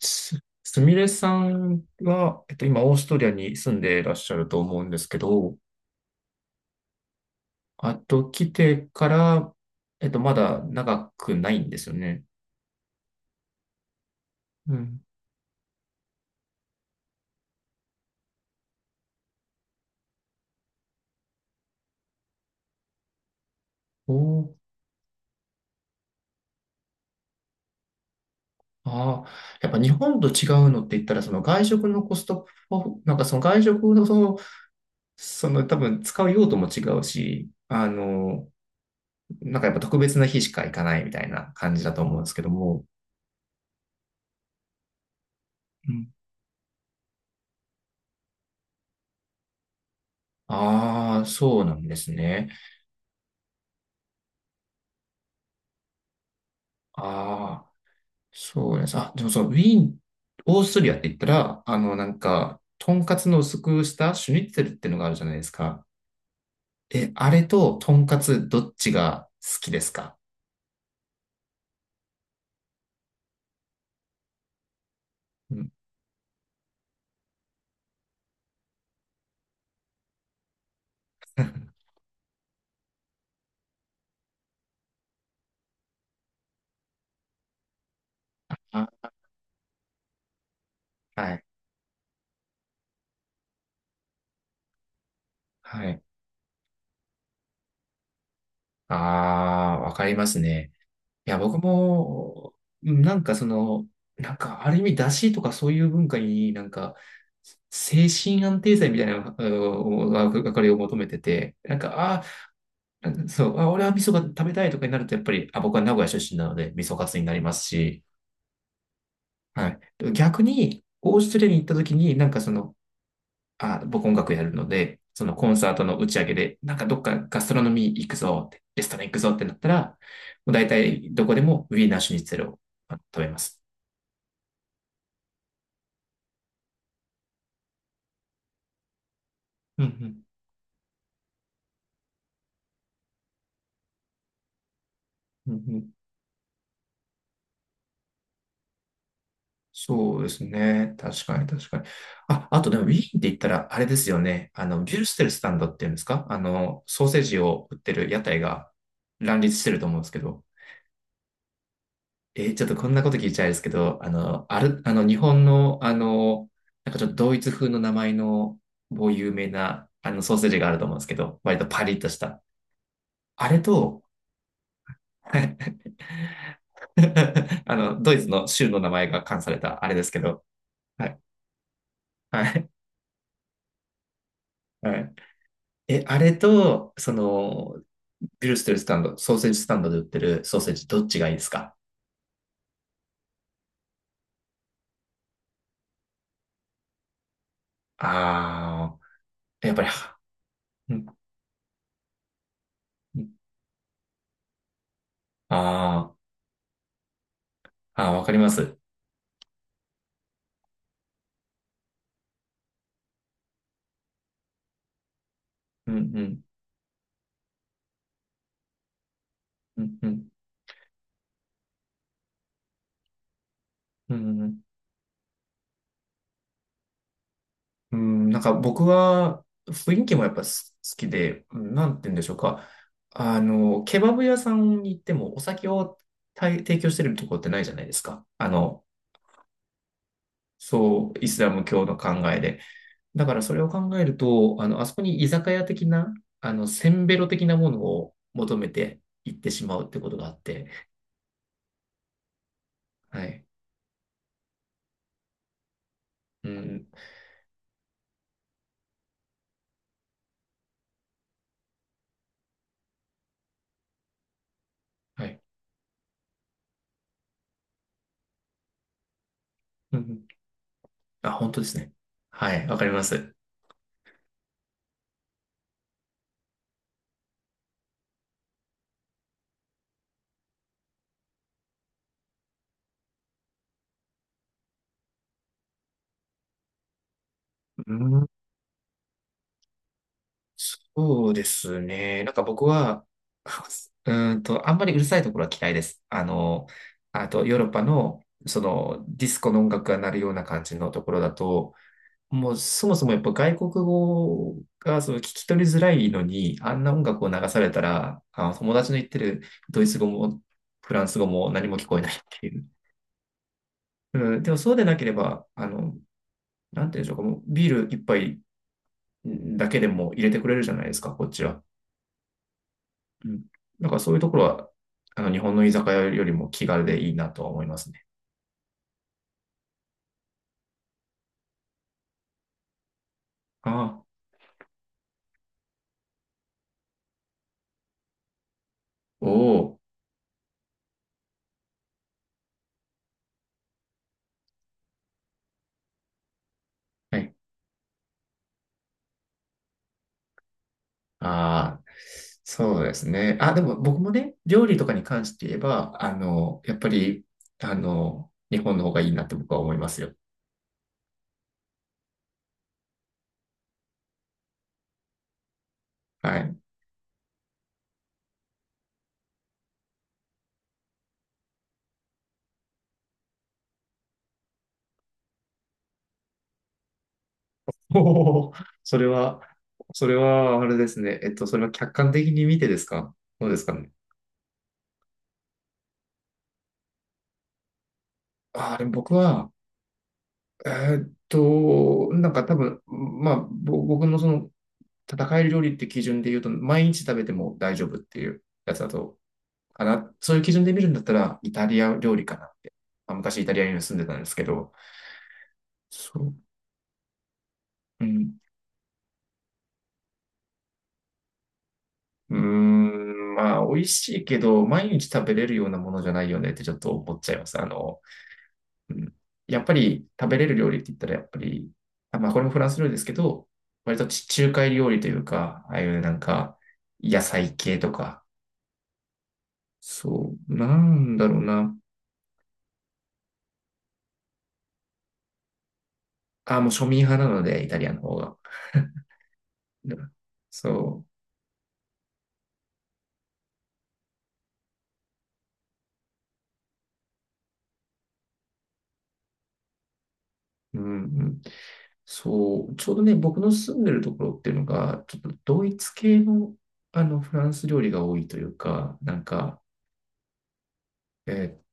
すみれさんは、今、オーストリアに住んでいらっしゃると思うんですけど、あと、来てから、まだ長くないんですよね。うん。おー。ああ、やっぱ日本と違うのって言ったら、その外食のコストを、なんかその外食のその多分使う用途も違うし、あの、なんかやっぱ特別な日しか行かないみたいな感じだと思うんですけども。うん。ああ、そうなんですね。ああ。そうです。あ、でもそう、ウィーン、オーストリアって言ったら、あの、なんか、とんかつの薄くしたシュニッツェルってのがあるじゃないですか。え、あれととんかつどっちが好きですか？うん。あ、はい。はい。ああ、わかりますね。いや、僕も、うん、なんかその、なんかある意味、出汁とかそういう文化になんか、精神安定剤みたいな、あの、わかりを求めてて、なんか、ああ、そう、あ、俺は味噌が食べたいとかになると、やっぱり、あ、僕は名古屋出身なので、味噌カツになりますし、はい。逆に、オーストラリアに行った時に、なんかその、あ、僕音楽やるので、そのコンサートの打ち上げで、なんかどっかガストロノミー行くぞって、レストラン行くぞってなったら、もう大体どこでもウィーナーシュニッツェルを食べます。うん、うん、うん、うん、そうですね。確かに確かに。あ、あとでもウィーンって言ったら、あれですよね。あの、ビュルステルスタンドっていうんですか？あの、ソーセージを売ってる屋台が乱立してると思うんですけど。ちょっとこんなこと聞いちゃいですけど、あの、あの、日本の、あの、なんかちょっとドイツ風の名前の某有名な、あの、ソーセージがあると思うんですけど、割とパリッとした。あれと、あの、ドイツの州の名前が冠された、あれですけど、はい。はい。はい。え、あれと、その、グルステルスタンド、ソーセージスタンドで売ってるソーセージ、どっちがいいですか？ああー、やっぱり、うん、うん、あー、あー、わかります。うん、うん、うん、うん、うん、うん、なんか僕は、雰囲気もやっぱ好きで、うん、なんて言うんでしょうか。あの、ケバブ屋さんに行ってもお酒を提供してるところってないじゃないですか。あの、そう、イスラム教の考えで。だからそれを考えると、あの、あそこに居酒屋的な、あの、せんべろ的なものを求めて行ってしまうってことがあって、はい。うん、はい。うん、あ、本当ですね。はい、わかります。うん、そうですね。なんか僕は、あんまりうるさいところは嫌いです。あの、あとヨーロッパの、そのディスコの音楽が鳴るような感じのところだと、もうそもそもやっぱ外国語がその聞き取りづらいのに、あんな音楽を流されたら、あ、友達の言ってるドイツ語もフランス語も何も聞こえないっていう。うん、でもそうでなければ、あの、なんていうんでしょうか、もうビール一杯だけでも入れてくれるじゃないですか、こっちは。うん。だからそういうところは、あの、日本の居酒屋よりも気軽でいいなとは思いますね。ああ、おお。はい。ああ、そうですね。あ、でも僕もね、料理とかに関して言えば、あの、やっぱり、あの、日本の方がいいなって僕は思いますよ。はい。おお、それは、それは、あれですね。それは客観的に見てですか？どうですかね。ああ、でも僕は、なんか多分、まあ、僕のその、戦える料理って基準で言うと、毎日食べても大丈夫っていうやつだとかな。そういう基準で見るんだったら、イタリア料理かなって。まあ、昔イタリアに住んでたんですけど、そう、うん。うーん、まあ、美味しいけど、毎日食べれるようなものじゃないよねってちょっと思っちゃいます。あの、うん、やっぱり食べれる料理って言ったら、やっぱり、あ、まあ、これもフランス料理ですけど、割と地中海料理というか、ああいうなんか、野菜系とか、そう、なんだろうな。あ、もう庶民派なので、イタリアの方が。そう、うん、うん。そう、ちょうどね、僕の住んでるところっていうのが、ちょっとドイツ系の、あのフランス料理が多いというか、なんか、えーっ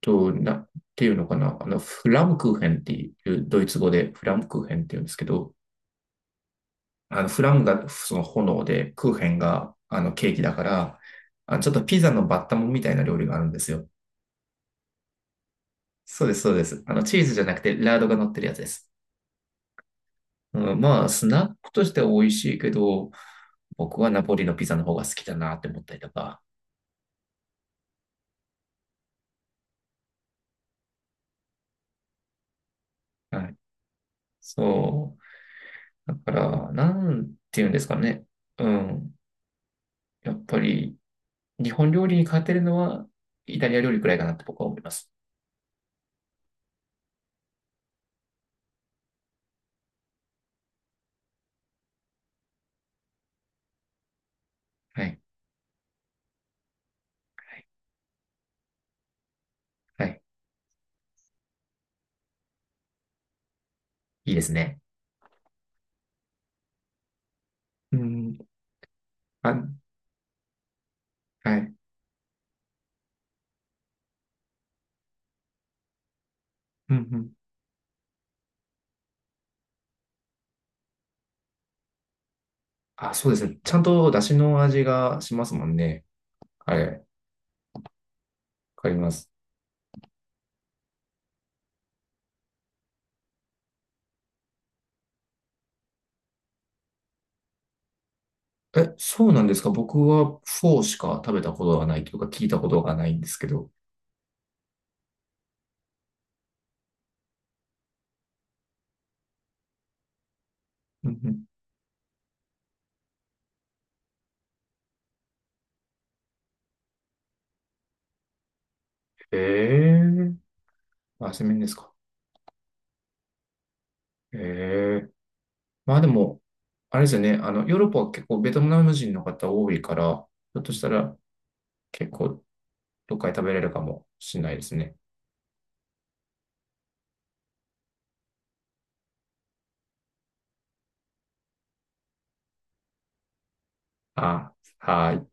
っていうのかな、あの、フラムクーヘンっていう、ドイツ語でフラムクーヘンっていうんですけど、あの、フラムがその炎で、クーヘンがあのケーキだから、あ、ちょっとピザのバッタモンみたいな料理があるんですよ。そうです、そうです。あの、チーズじゃなくて、ラードが乗ってるやつです。うん、まあ、スナックとしては美味しいけど、僕はナポリのピザの方が好きだなって思ったりとか。はい。そう。だから、なんていうんですかね。うん。やっぱり、日本料理に勝てるのは、イタリア料理くらいかなって僕は思います。はい。はい。いいですね。うん。あ、はい。うん、うん。あ、そうですね。ちゃんと出汁の味がしますもんね。はい。わかります。え、そうなんですか？僕はフォーしか食べたことがないというか、聞いたことがないんですけど。うん、うん。ええー。あ、そうめんですか？ええー。まあでも、あれですよね、あの、ヨーロッパは結構ベトナム人の方多いから、ひょっとしたら結構どっかで食べれるかもしれないですね。あ、はい。